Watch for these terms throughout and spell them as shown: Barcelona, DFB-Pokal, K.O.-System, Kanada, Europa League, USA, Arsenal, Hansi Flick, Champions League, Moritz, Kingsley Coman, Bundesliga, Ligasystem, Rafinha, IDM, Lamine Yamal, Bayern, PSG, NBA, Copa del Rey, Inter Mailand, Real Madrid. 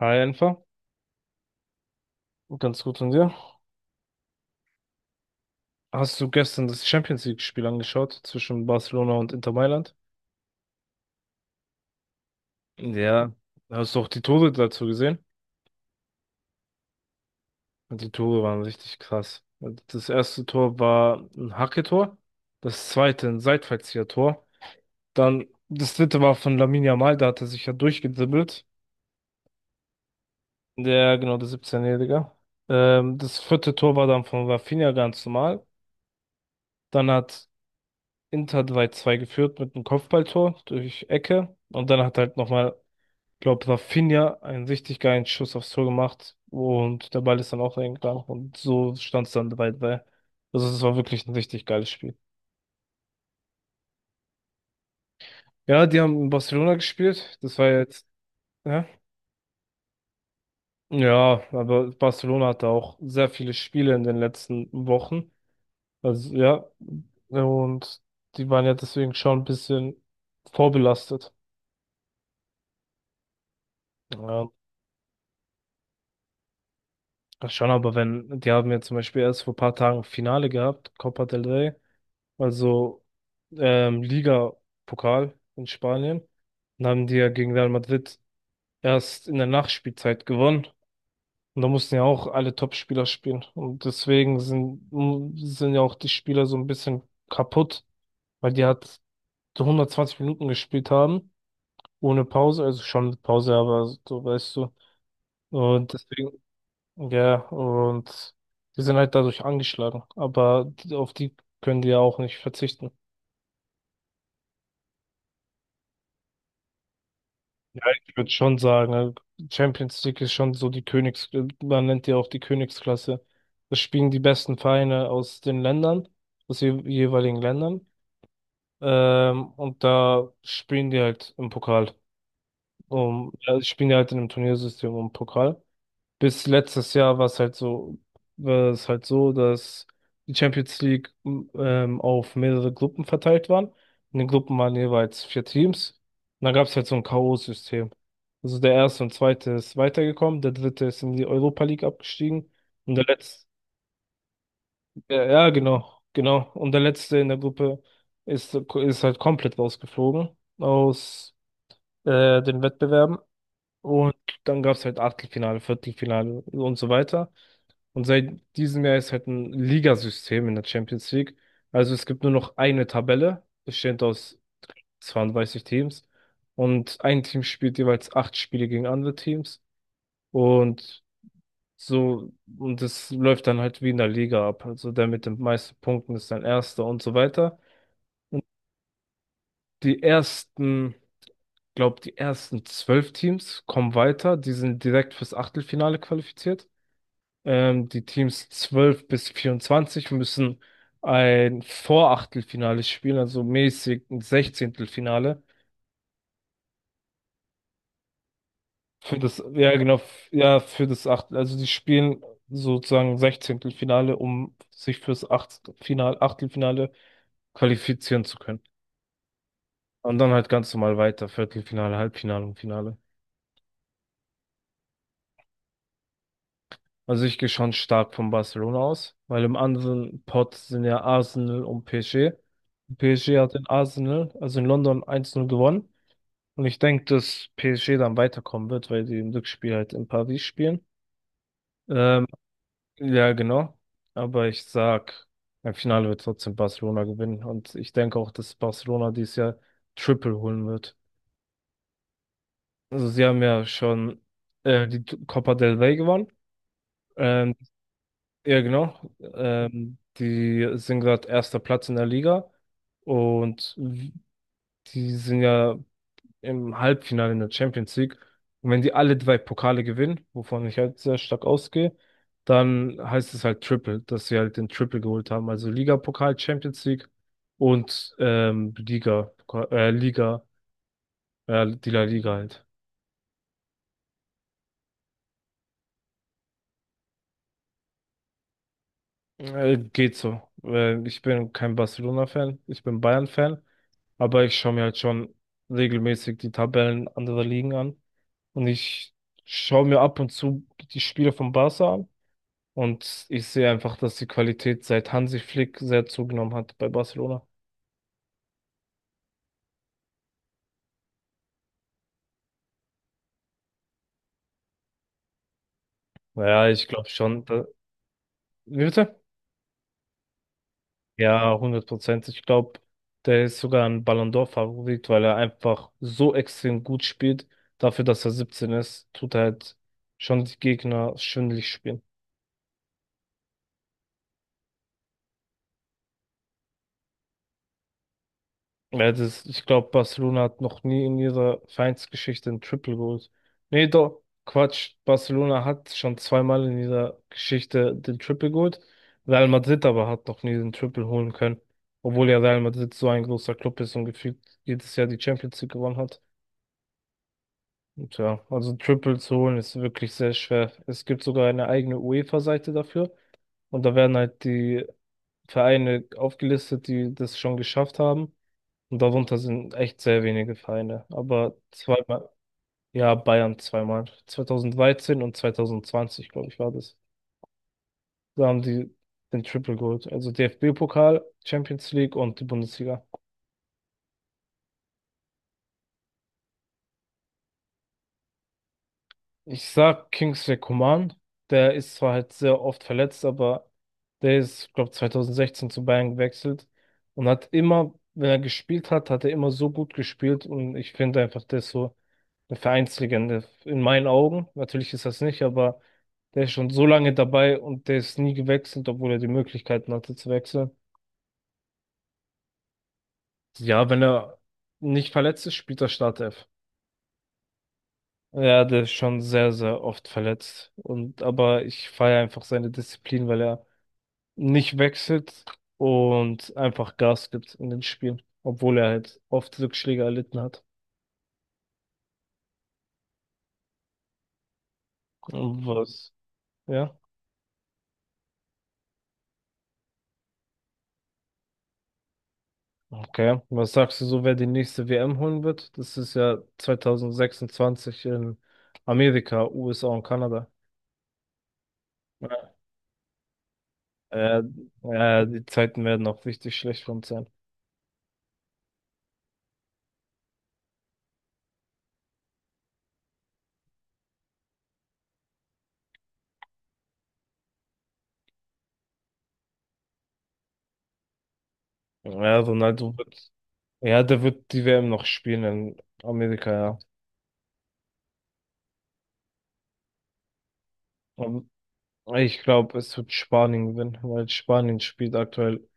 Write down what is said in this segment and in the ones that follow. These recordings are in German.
Hi, einfach. Ganz gut von dir. Hast du gestern das Champions League-Spiel angeschaut zwischen Barcelona und Inter Mailand? Ja. Hast du auch die Tore dazu gesehen? Und die Tore waren richtig krass. Das erste Tor war ein Hacke-Tor, das zweite ein Seitfallzieher-Tor. Dann das dritte war von Lamine Yamal, da hat er sich ja durchgedribbelt. Der, genau, der 17-Jährige. Das vierte Tor war dann von Rafinha ganz normal. Dann hat Inter hat 2:2 geführt mit einem Kopfballtor durch Ecke. Und dann hat halt nochmal, glaube Rafinha einen richtig geilen Schuss aufs Tor gemacht. Und der Ball ist dann auch reingegangen. Und so stand es dann 3-3. Also es war wirklich ein richtig geiles Spiel. Ja, die haben in Barcelona gespielt. Das war jetzt, ja. Ja, aber Barcelona hatte auch sehr viele Spiele in den letzten Wochen. Also ja, und die waren ja deswegen schon ein bisschen vorbelastet. Ja, ach schon, aber wenn, die haben ja zum Beispiel erst vor ein paar Tagen Finale gehabt, Copa del Rey, also Liga-Pokal in Spanien. Dann haben die ja gegen Real Madrid erst in der Nachspielzeit gewonnen. Und da mussten ja auch alle Top-Spieler spielen. Und deswegen sind ja auch die Spieler so ein bisschen kaputt, weil die hat so 120 Minuten gespielt haben, ohne Pause, also schon mit Pause, aber so weißt du. Und deswegen ja, und die sind halt dadurch angeschlagen. Aber auf die können die ja auch nicht verzichten. Ja, ich würde schon sagen, Champions League ist schon so die man nennt die auch die Königsklasse. Da spielen die besten Vereine aus den Ländern, aus den jeweiligen Ländern. Und da spielen die halt im Pokal. Um, ja, spielen die halt in einem Turniersystem um Pokal. Bis letztes Jahr war es halt so, dass die Champions League auf mehrere Gruppen verteilt waren. In den Gruppen waren jeweils vier Teams. Und dann gab es halt so ein K.O.-System. Also der erste und zweite ist weitergekommen, der dritte ist in die Europa League abgestiegen und der letzte, ja, ja, genau, genau. Und der letzte in der Gruppe ist halt komplett rausgeflogen aus den Wettbewerben. Und dann gab es halt Achtelfinale, Viertelfinale und so weiter. Und seit diesem Jahr ist halt ein Ligasystem in der Champions League. Also es gibt nur noch eine Tabelle, bestehend aus 32 Teams. Und ein Team spielt jeweils acht Spiele gegen andere Teams. Und so, und das läuft dann halt wie in der Liga ab. Also der mit den meisten Punkten ist dann Erster und so weiter. Die ersten, glaub, die ersten zwölf Teams kommen weiter. Die sind direkt fürs Achtelfinale qualifiziert. Die Teams 12 bis 24 müssen ein Vorachtelfinale spielen, also mäßig ein Sechzehntelfinale. Für das, ja genau, ja, für das Achtel, also die spielen sozusagen Sechzehntelfinale, um sich fürs Achtelfinale qualifizieren zu können. Und dann halt ganz normal weiter, Viertelfinale, Halbfinale und Finale. Also ich gehe schon stark von Barcelona aus, weil im anderen Pot sind ja Arsenal und PSG. PSG hat in Arsenal, also in London eins 0 gewonnen. Und ich denke, dass PSG dann weiterkommen wird, weil die im Rückspiel halt in Paris spielen. Ähm, ja, genau. Aber ich sag, im Finale wird trotzdem Barcelona gewinnen. Und ich denke auch, dass Barcelona dieses Jahr Triple holen wird. Also sie haben ja schon die Copa del Rey gewonnen. Ähm, Ja, genau. Die sind gerade erster Platz in der Liga und die sind ja im Halbfinale in der Champions League. Und wenn die alle drei Pokale gewinnen, wovon ich halt sehr stark ausgehe, dann heißt es halt Triple, dass sie halt den Triple geholt haben. Also Liga-Pokal, Champions League und äh, Liga, die La Liga halt. Geht so. Ich bin kein Barcelona-Fan, ich bin Bayern-Fan, aber ich schaue mir halt schon regelmäßig die Tabellen anderer Ligen an. Und ich schaue mir ab und zu die Spiele von Barca an. Und ich sehe einfach, dass die Qualität seit Hansi Flick sehr zugenommen hat bei Barcelona. Naja, ich glaube schon. Da, wie bitte? Ja, 100%. Ich glaube, der ist sogar ein Ballon d'Or-Favorit, weil er einfach so extrem gut spielt. Dafür, dass er 17 ist, tut er halt schon die Gegner schwindelig spielen. Ja, das, ich glaube, Barcelona hat noch nie in ihrer Vereinsgeschichte ein Triple geholt. Nee, doch, Quatsch. Barcelona hat schon zweimal in ihrer Geschichte den Triple geholt. Real Madrid aber hat noch nie den Triple holen können. Obwohl ja Real Madrid so ein großer Club ist und gefühlt jedes Jahr die Champions League gewonnen hat. Tja, also Triple zu holen ist wirklich sehr schwer. Es gibt sogar eine eigene UEFA-Seite dafür und da werden halt die Vereine aufgelistet, die das schon geschafft haben. Und darunter sind echt sehr wenige Vereine. Aber zweimal, ja, Bayern zweimal. 2013 und 2020, glaube ich, war das. Da haben die den Triple geholt. Also DFB-Pokal, Champions League und die Bundesliga. Ich sag Kingsley Coman. Der ist zwar halt sehr oft verletzt, aber der ist, glaube 2016 zu Bayern gewechselt und hat immer, wenn er gespielt hat, hat er immer so gut gespielt und ich finde einfach, der ist so eine Vereinslegende in meinen Augen. Natürlich ist das nicht, aber der ist schon so lange dabei und der ist nie gewechselt, obwohl er die Möglichkeiten hatte zu wechseln. Ja, wenn er nicht verletzt ist, spielt er Startelf. Ja, der ist schon sehr, sehr oft verletzt. Und aber ich feiere einfach seine Disziplin, weil er nicht wechselt und einfach Gas gibt in den Spielen, obwohl er halt oft Rückschläge erlitten hat. Und was? Ja. Okay. Was sagst du so, wer die nächste WM holen wird? Das ist ja 2026 in Amerika, USA und Kanada. Ja, ja ja, die Zeiten werden auch richtig schlecht für uns sein. Ja, Ronaldo wird, ja, der wird die WM noch spielen in Amerika, ja. Ähm, Ich glaube, es wird Spanien gewinnen, weil Spanien spielt aktuell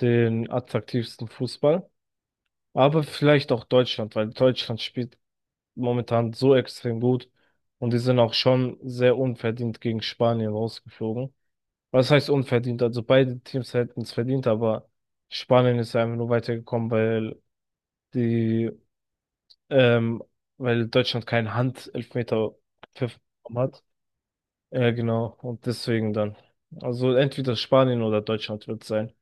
den attraktivsten Fußball. Aber vielleicht auch Deutschland, weil Deutschland spielt momentan so extrem gut und die sind auch schon sehr unverdient gegen Spanien rausgeflogen. Was heißt unverdient? Also beide Teams hätten es verdient, aber Spanien ist einfach nur weitergekommen, weil die, ähm, weil Deutschland keinen Handelfmeter gepfiffen hat. Ja, genau. Und deswegen dann. Also entweder Spanien oder Deutschland wird sein.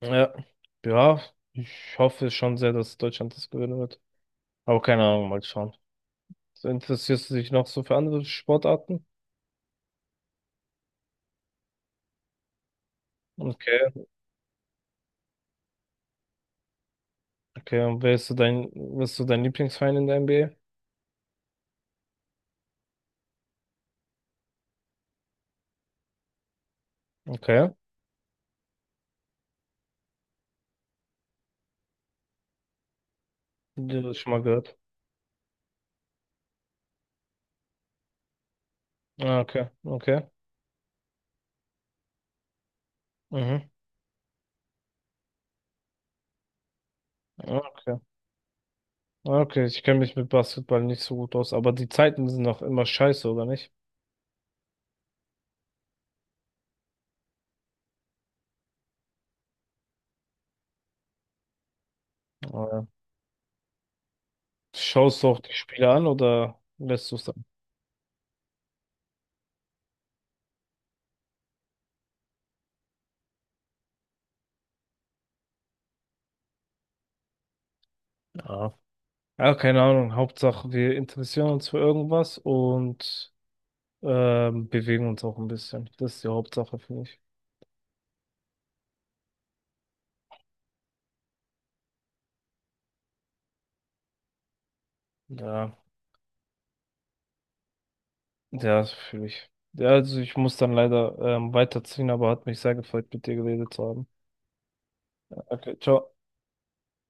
Ja. Ja, ich hoffe schon sehr, dass Deutschland das gewinnen wird. Aber keine Ahnung, mal schauen. So, interessierst du dich noch so für andere Sportarten? Okay. Okay, und wer ist so dein, was ist so dein Lieblingsverein in der NBA? Okay. Ja, das schon mal gehört. Ah, okay, okay. Mhm. Ah, okay. Ah, okay, ich kenne mich mit Basketball nicht so gut aus, aber die Zeiten sind doch immer scheiße, oder nicht? Ah, ja. Schaust du auch die Spiele an oder lässt du es dann? Ja, keine Ahnung. Hauptsache, wir interessieren uns für irgendwas und bewegen uns auch ein bisschen. Das ist die Hauptsache, finde ich. Ja, ja, das fühle ich. Ja, also ich muss dann leider weiterziehen, aber hat mich sehr gefreut, mit dir geredet zu haben. Okay, ciao.